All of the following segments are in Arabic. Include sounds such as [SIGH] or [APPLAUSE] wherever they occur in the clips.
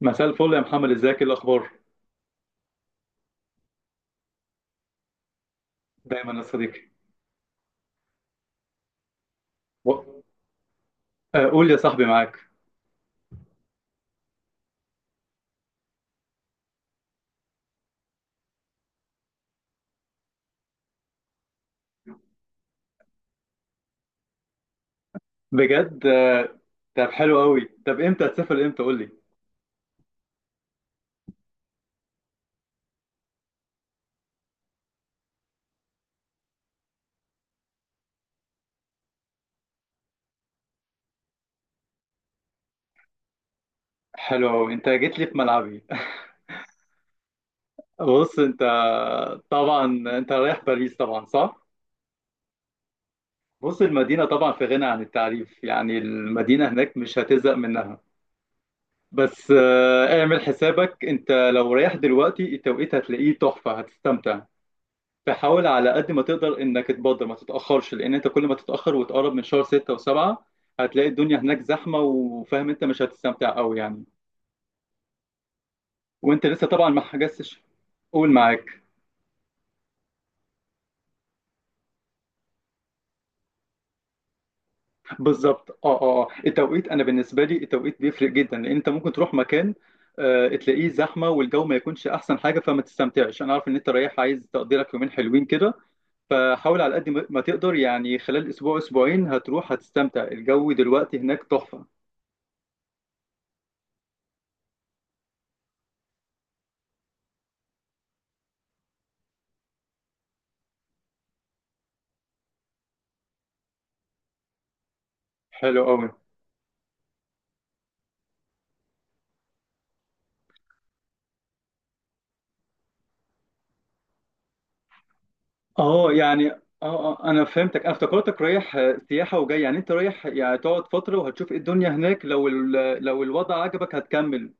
مساء الفل يا محمد، ازيك؟ ايه الاخبار؟ دايما يا صديقي. و- قول لي يا صاحبي، معاك. بجد؟ طب حلو قوي. طب امتى هتسافر؟ امتى؟ قول لي. حلو قوي، انت جيت لي في ملعبي. [LAUGHS] بص انت، طبعا انت رايح باريس طبعا، صح؟ بص، المدينه طبعا في غنى عن التعريف، يعني المدينه هناك مش هتزهق منها. بس اعمل حسابك، انت لو رايح دلوقتي التوقيت هتلاقيه تحفه، هتستمتع. فحاول على قد ما تقدر انك تبادر، ما تتاخرش، لان انت كل ما تتاخر وتقرب من شهر 6 و7 هتلاقي الدنيا هناك زحمه، وفاهم انت مش هتستمتع قوي يعني. وانت لسه طبعا ما حجزتش؟ قول، معاك. بالظبط. التوقيت، انا بالنسبه لي التوقيت بيفرق جدا، لان انت ممكن تروح مكان تلاقيه زحمه والجو ما يكونش احسن حاجه فما تستمتعش. انا عارف ان انت رايح عايز تقضيلك يومين حلوين كده، فحاول على قد ما تقدر يعني خلال اسبوع اسبوعين هتروح، هتستمتع. الجو دلوقتي هناك تحفه. حلو قوي. انا فهمتك. انا افتكرتك رايح سياحه، وجاي يعني انت رايح يعني تقعد فتره وهتشوف ايه الدنيا هناك، لو لو الوضع عجبك هتكمل.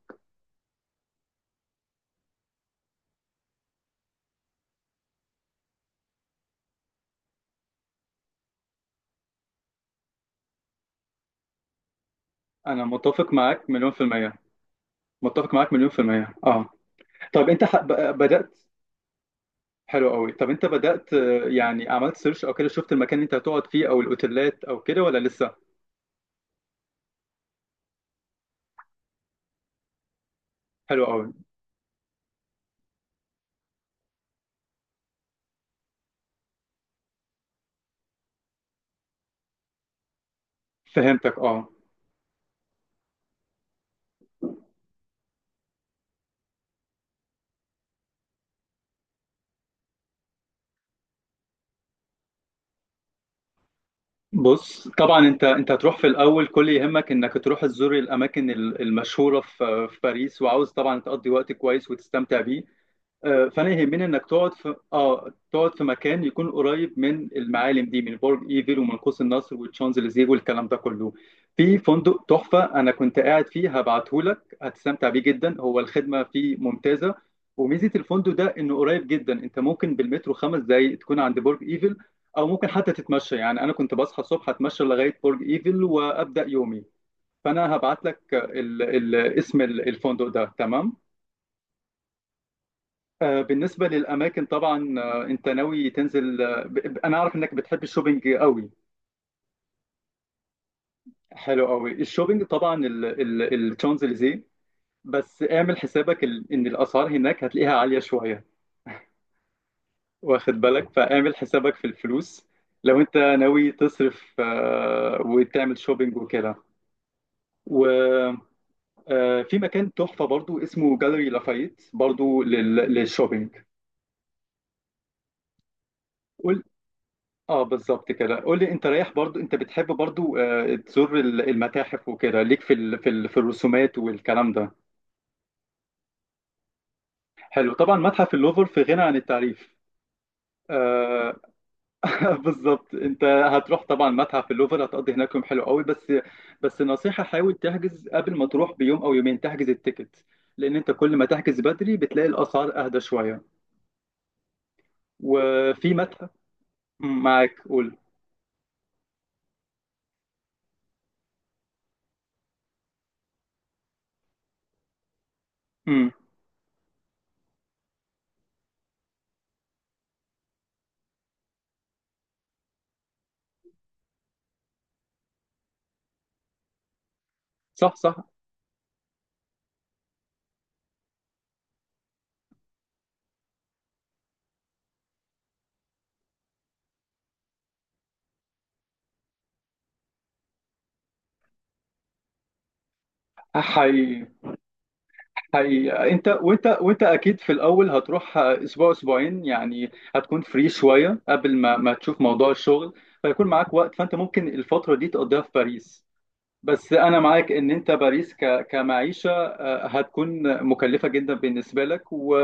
انا متفق معاك مليون في الميه. متفق معاك مليون في الميه، اه. طب انت بدات؟ حلو قوي، طب انت بدات يعني عملت سيرش او كده؟ شفت المكان اللي انت هتقعد فيه او الاوتيلات او كده، ولا لسه؟ حلو قوي. فهمتك، اه. بص طبعا، انت هتروح في الاول، كل يهمك انك تروح تزور الاماكن المشهوره في باريس، وعاوز طبعا تقضي وقت كويس وتستمتع بيه. فانا يهمني انك تقعد في اه، تقعد في مكان يكون قريب من المعالم دي، من برج ايفل، ومن قوس النصر، والشانزليزيه، والكلام ده كله. في فندق تحفه انا كنت قاعد فيه، هبعته لك، هتستمتع بيه جدا، هو الخدمه فيه ممتازه. وميزه الفندق ده انه قريب جدا، انت ممكن بالمترو 5 دقائق تكون عند برج ايفل، او ممكن حتى تتمشى يعني. انا كنت بصحى الصبح اتمشى لغايه برج ايفل وابدا يومي. فانا هبعت لك اسم الفندق ده، تمام. بالنسبة للأماكن طبعا، أنت ناوي تنزل أنا أعرف إنك بتحب الشوبينج قوي. حلو قوي، الشوبينج طبعا الشانزليزيه. بس اعمل حسابك إن الأسعار هناك هتلاقيها عالية شوية، واخد بالك؟ فاعمل حسابك في الفلوس لو أنت ناوي تصرف وتعمل شوبينج وكده. وفي مكان تحفة برضو اسمه جاليري لافايت، برضو للشوبينج. اه بالظبط كده. قول لي، انت رايح برضو، انت بتحب برضو تزور المتاحف وكده؟ ليك في ال في ال في الرسومات والكلام ده؟ حلو. طبعا متحف اللوفر في غنى عن التعريف. آه [LAUGHS] بالظبط. انت هتروح طبعا متحف اللوفر، هتقضي هناك يوم حلو قوي. بس بس نصيحة، حاول تحجز قبل ما تروح بيوم او يومين، تحجز التيكت، لان انت كل ما تحجز بدري بتلاقي الاسعار اهدى شوية. وفي متحف. مم، معاك، قول. مم، صح صح. حي. حقيقة انت، وانت اكيد في الاول هتروح اسبوع اسبوعين يعني، هتكون فري شوية قبل ما تشوف موضوع الشغل، فيكون معاك وقت، فانت ممكن الفترة دي تقضيها في باريس. بس انا معاك ان انت باريس ك كمعيشة هتكون مكلفة جدا بالنسبة لك، و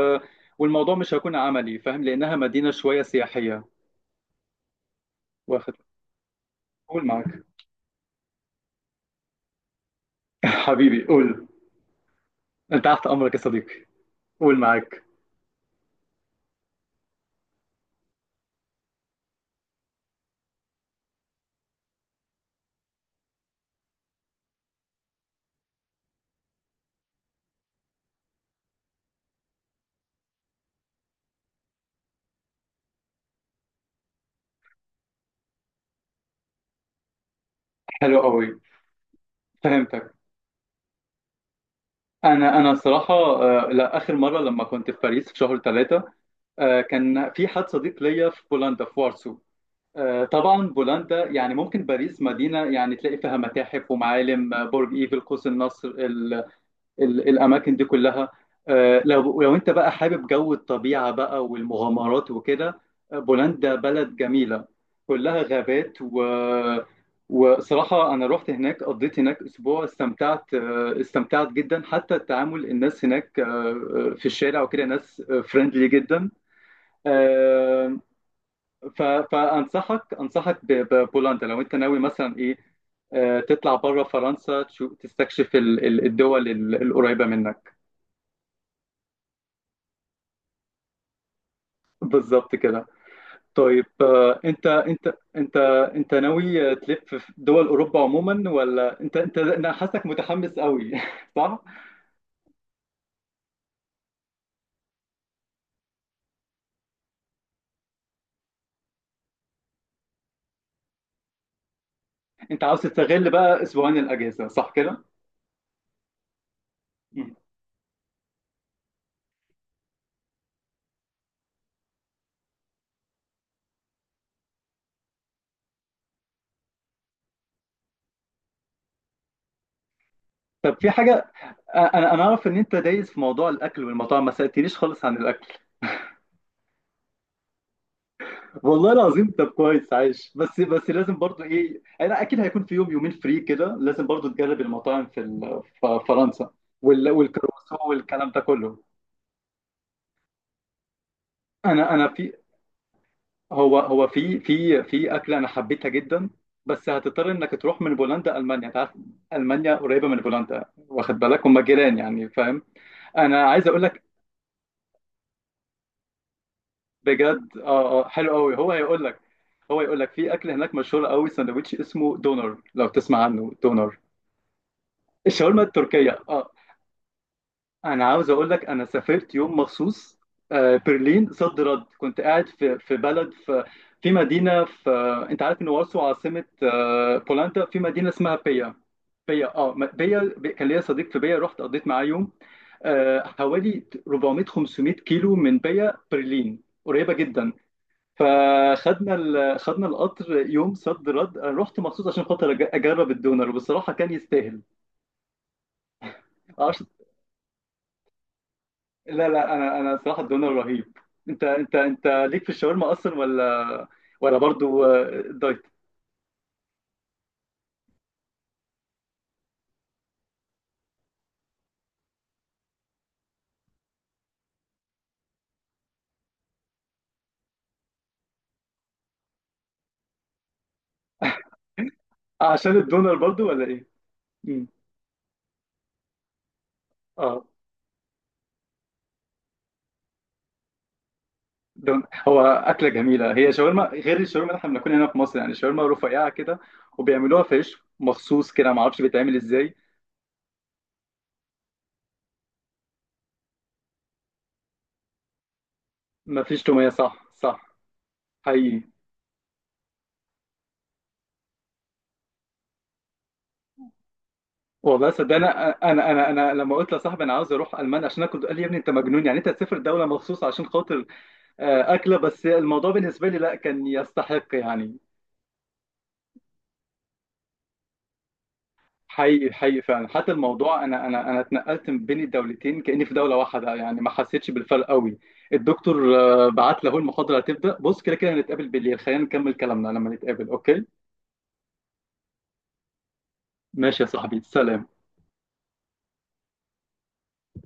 والموضوع مش هيكون عملي، فاهم، لانها مدينة شوية سياحية. واخد. قول، معاك. [LAUGHS] حبيبي، قول، انت تحت امرك يا صديقي. قول، معاك. حلو قوي. فهمتك. انا صراحه، لا، اخر مره لما كنت في باريس في شهر 3 كان في حد صديق ليا في بولندا في وارسو. طبعا بولندا يعني، ممكن باريس مدينه يعني تلاقي فيها متاحف ومعالم، برج ايفل، قوس النصر، الاماكن دي كلها. لو انت بقى حابب جو الطبيعه بقى والمغامرات وكده، بولندا بلد جميله، كلها غابات و وصراحه انا رحت هناك، قضيت هناك اسبوع، استمتعت استمتعت جدا. حتى التعامل، الناس هناك في الشارع وكده، ناس فريندلي جدا. آه، فانصحك، انصحك ببولندا لو انت ناوي مثلا ايه تطلع بره فرنسا، تشوف، تستكشف الدول القريبه منك. بالظبط كده. طيب انت انت ناوي تلف في دول اوروبا عموما، ولا انت؟ انا حاسسك متحمس قوي. [LAUGHS] صح؟ انت عاوز تستغل بقى اسبوعين الاجازه، صح كده؟ مم. طب في حاجه، انا اعرف ان انت دايس في موضوع الاكل والمطاعم، ما سالتنيش خالص عن الاكل. والله العظيم، طب كويس، عايش. بس بس لازم برضو ايه، انا اكيد هيكون في يوم يومين فري كده، لازم برضو تجرب المطاعم في في فرنسا، والكروسو والكلام ده كله. انا هو هو في في في اكله انا حبيتها جدا، بس هتضطر انك تروح من بولندا المانيا. انت عارف، المانيا قريبه من بولندا، واخد بالك هم جيران يعني، فاهم. انا عايز اقول لك. بجد؟ اه اه حلو قوي. هو يقول لك في اكل هناك مشهور قوي، ساندوتش اسمه دونر، لو تسمع عنه، دونر. الشاورما التركيه، اه. انا عاوز اقول لك، انا سافرت يوم مخصوص برلين، صد رد. كنت قاعد في بلد في في مدينه في، انت عارف ان وارسو عاصمه بولندا. في مدينه اسمها بيا، بيا، اه، كان ليا صديق في بيا، رحت قضيت معاه يوم، حوالي 400 500 كيلو من بيا. برلين قريبه جدا، فخدنا خدنا القطر يوم صد رد، أنا رحت مخصوص عشان خاطر اجرب الدونر، وبصراحه كان يستاهل. لا لا، انا صراحه الدونر رهيب. انت ليك في الشاورما اصلا، ولا ولا برضو دايت؟ عشان الدونر برضو، ولا ايه؟ مم. اه. دون. هو اكله جميله، هي شاورما غير الشاورما اللي احنا بناكلها هنا في مصر، يعني شاورما رفيعه كده، وبيعملوها في عيش مخصوص كده، ما اعرفش بيتعمل ازاي. ما فيش توميه، صح صح. حقيقي. والله صدقني، انا انا انا أنا لما قلت لصاحبي انا عاوز اروح المانيا عشان اكل، قال لي يا ابني انت مجنون يعني، انت هتسافر دوله مخصوص عشان خاطر اكله؟ بس الموضوع بالنسبه لي لا، كان يستحق يعني. حقيقي حقيقي فعلا. حتى الموضوع، انا اتنقلت من بين الدولتين كاني في دوله واحده يعني، ما حسيتش بالفرق قوي. الدكتور بعت له المحاضره، هتبدا. بص كده كده هنتقابل بالليل، خلينا نكمل كلامنا لما نتقابل، اوكي؟ ماشي يا صاحبي، سلام.